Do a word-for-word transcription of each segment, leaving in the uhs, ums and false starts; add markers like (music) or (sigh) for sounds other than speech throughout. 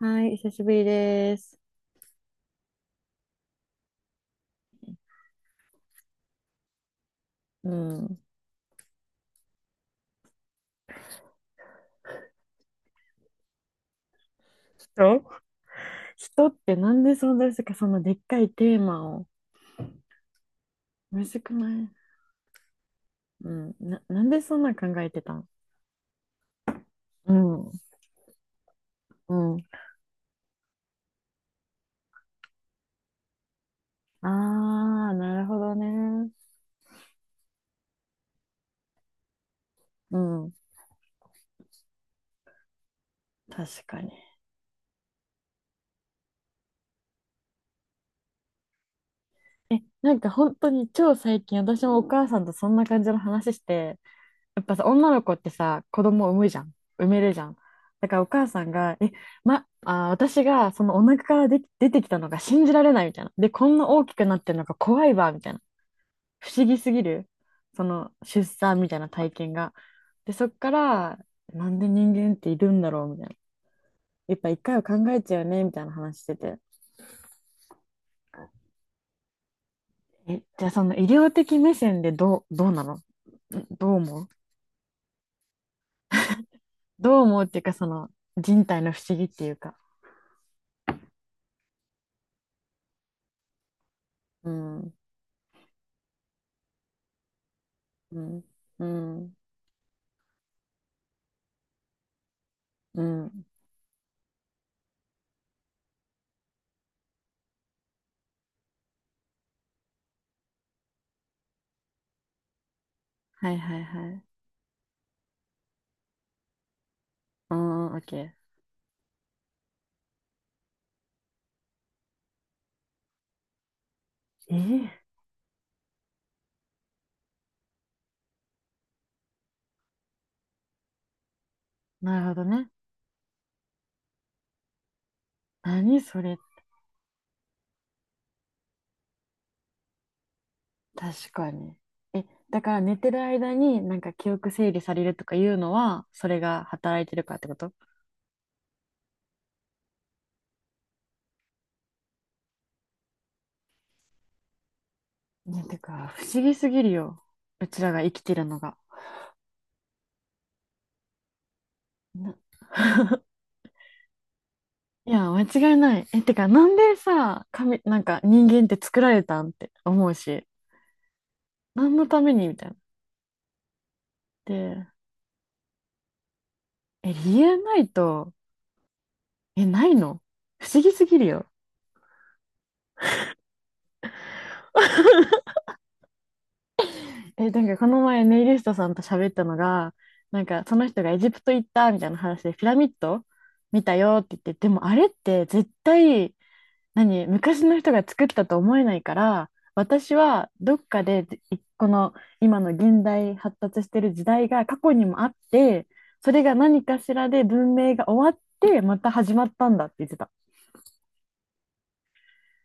はい、久しぶりです。うん。人ってなんでそんな、かそのでっかいテーマを。むずくない？うん。な、なんでそんな考えてたん？うん。うん。ああ、なるほどね。うん。確かに。え、なんか本当に超最近私もお母さんとそんな感じの話して、やっぱさ、女の子ってさ、子供を産むじゃん。産めるじゃん。だからお母さんが、え、ま、あー、私がそのお腹からで出てきたのが信じられないみたいな。で、こんな大きくなってるのが怖いわ、みたいな。不思議すぎる。その出産みたいな体験が。で、そっから、なんで人間っているんだろう、みたいな。やっぱ一回は考えちゃうよね、みたいな話してて。え、じゃあその医療的目線でどう、どうなの？んどう思う？どう思うっていうか、その人体の不思議っていうか。うん。うん、うん、うん。はいはいはい。うん、オッケー。えー、なるほどね。何それ、確かに。え、だから寝てる間になんか記憶整理されるとかいうのは、それが働いてるかってこと？ね、てか、不思議すぎるよ。うちらが生きてるのが。な (laughs) いや、間違いない。え、てか、なんでさ、神、なんか人間って作られたんって思うし、何のためにみたいな。で、え、理由ないと、え、ないの？不思議すぎるよ。え、なんかこの前ネイリストさんと喋ったのが、なんかその人がエジプト行ったみたいな話でピラミッド見たよって言って、でもあれって絶対、何、昔の人が作ったと思えないから、私はどっかで、いこの今の現代発達してる時代が過去にもあって、それが何かしらで文明が終わってまた始まったんだって言ってた。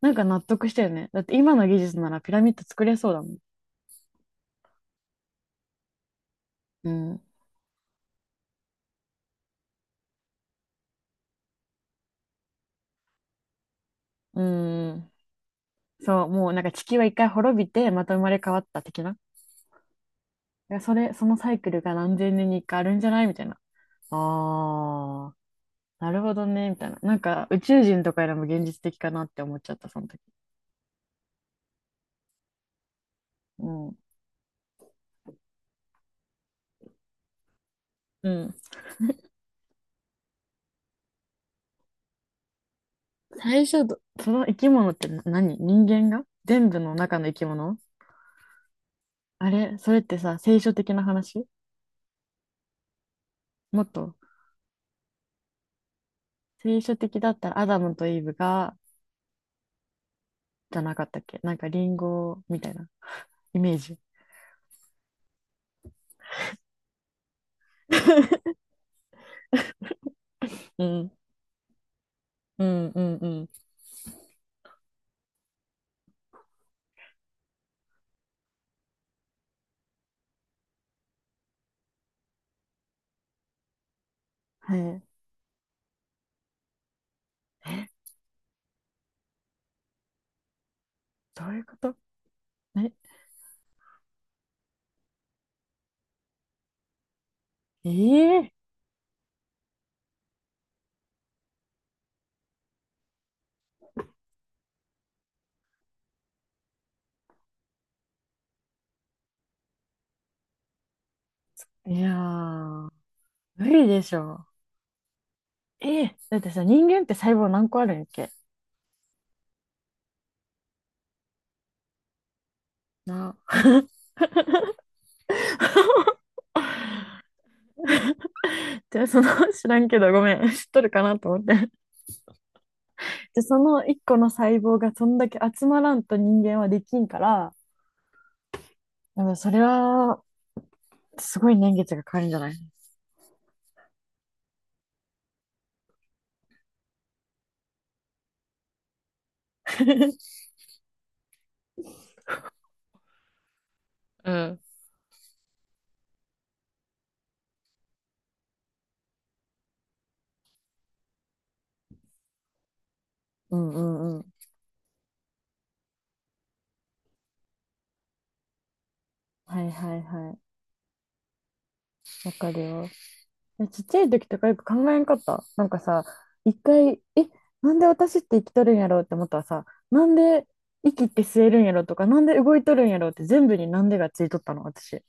なんか納得したよね。だって今の技術ならピラミッド作れそうだもん。うん。うん。そう、もうなんか地球は一回滅びて、また生まれ変わった的な。だからそれ、そのサイクルが何千年に一回あるんじゃないみたいな。あー、なるほどね、みたいな。なんか宇宙人とかよりも現実的かなって思っちゃった、その時。うん。うん。最初ど、その生き物ってな何、人間が全部の中の生き物？あれそれってさ、聖書的な話？もっと、聖書的だったらアダムとイブが、じゃなかったっけ、なんかリンゴみたいなイメージ。(laughs) うん。うんうんうん。はい。え、どういうこと？え、ええいやー、無理でしょ。ええだってさ、人間って細胞何個あるんやっけ？な。(laughs) じゃあその、(laughs) 知らんけどごめん、知っとるかなと思って。じゃあその一個の細胞がそんだけ集まらんと人間はできんから、でもそれは、すごい年月がかかるんじゃない？ (laughs) うん。うんうんうん。はいはいはい。わかるよ。えちっちゃい時とかよく考えんかった。なんかさ、一回、え、なんで私って生きとるんやろうって思ったらさ、なんで息って吸えるんやろうとか、なんで動いとるんやろうって全部になんでがついとったの、私。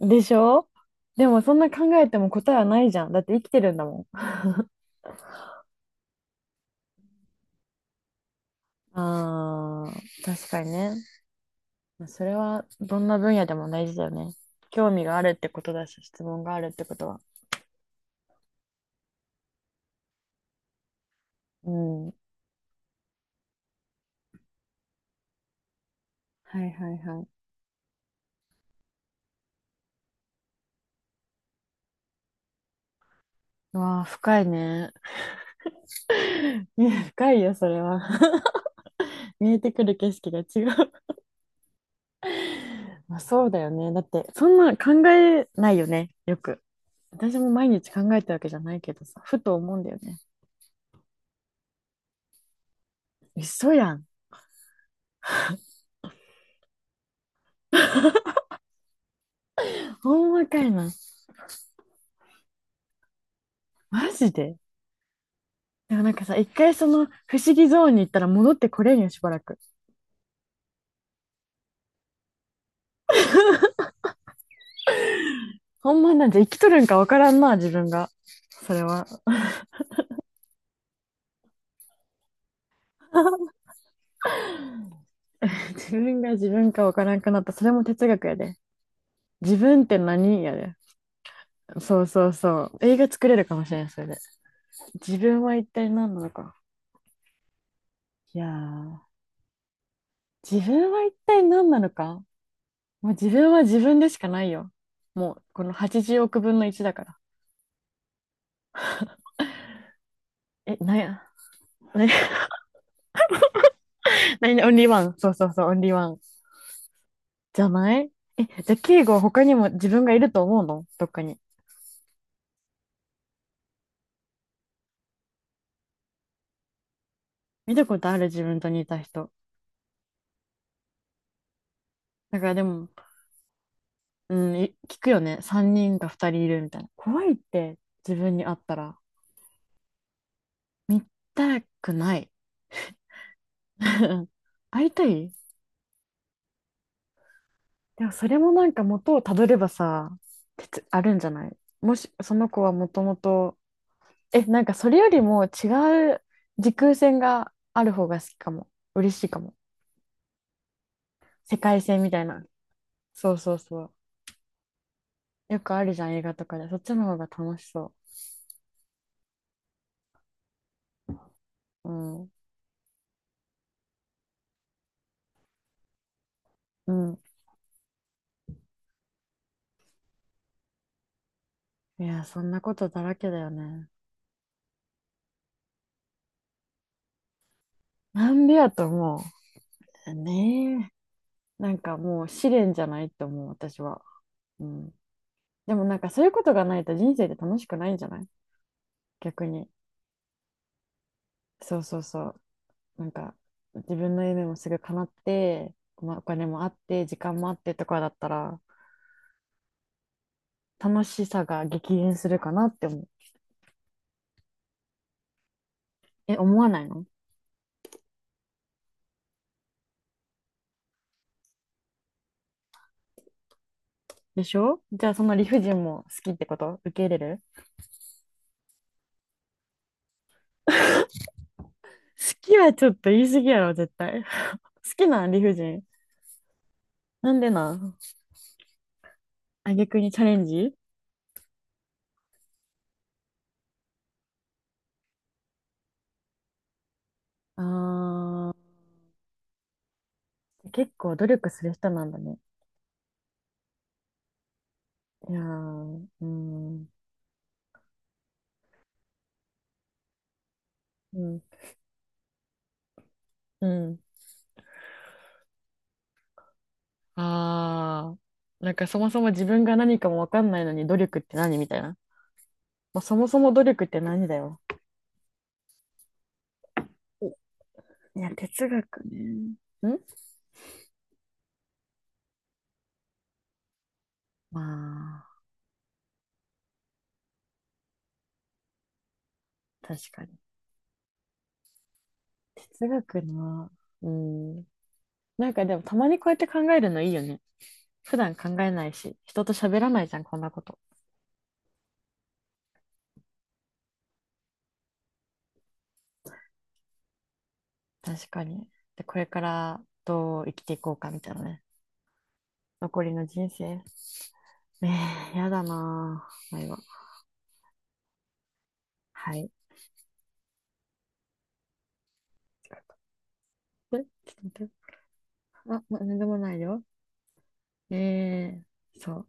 でしょ？でもそんな考えても答えはないじゃん。だって生きてるんだもん。あー、確かにね。まあそれはどんな分野でも大事だよね。興味があるってことだし、質問があるってことは。うん。はいはいはい。うわあ、深いね。(laughs) いや、深いよ、それは。(laughs) 見えてくる景色が違う。(laughs) まあ、そうだよね。だって、そんな考えないよね、よく。私も毎日考えたわけじゃないけどさ、ふと思うんだよね。嘘やん。ほんまかいな。マジで？でもなんかさ、一回その不思議ゾーンに行ったら戻ってこれんよ、しばらく。ほんまなんて生きとるんかわからんな、自分が。それは (laughs)。自分が自分かわからんくなった。それも哲学やで。自分って何やで。そうそうそう。映画作れるかもしれない、それで。自分は一体何なのか。いやー、自分は一体何なのか。もう自分は自分でしかないよ。もう、このはちじゅうおくぶんのいちだから。え、なんや、な何 (laughs)、オンリーワン。そうそうそう、オンリーワン。じゃない？え、じゃあ、敬語は他にも自分がいると思うの？どっかに。見たことある？自分と似た人。だからでも、うん、い聞くよね。さんにんかふたりいるみたいな。怖いって、自分に会ったら。見たくない。(laughs) 会いたい？でもそれもなんか元をたどればさ、鉄あるんじゃない？もしその子はもともと、え、なんかそれよりも違う時空線がある方が好きかも。嬉しいかも。世界線みたいな。そうそうそう。よくあるじゃん、映画とかで。そっちの方が楽しそう。うん。うん。いや、そんなことだらけだよね。なんでやと思う。ねえ。なんかもう試練じゃないと思う、私は。うん。でもなんかそういうことがないと人生で楽しくないんじゃない？逆に。そうそうそう。なんか、自分の夢もすぐ叶って、まあ、お金もあって、時間もあってとかだったら、楽しさが激減するかなって思う。え、思わないの？でしょ？じゃあ、その理不尽も好きってこと？受け入れる？好きはちょっと言い過ぎやろ、絶対。(laughs) 好きなん？理不尽。なんでなん？あ、逆にチャレンジ？あー、結構努力する人なんだね。いやー、うーん、うん、うん。ああ、なんかそもそも自分が何かもわかんないのに努力って何みたいな。まあ、そもそも努力って何だよ。いや、哲学ね。んまあ、確かに。哲学な。うん。なんかでもたまにこうやって考えるのいいよね。普段考えないし、人と喋らないじゃん、こんなこと。確かに。で、これからどう生きていこうかみたいなね。残りの人生。ええ、やだなぁ。なははい。ちょっと待って。あ、ま、なんでもないよ。ええそう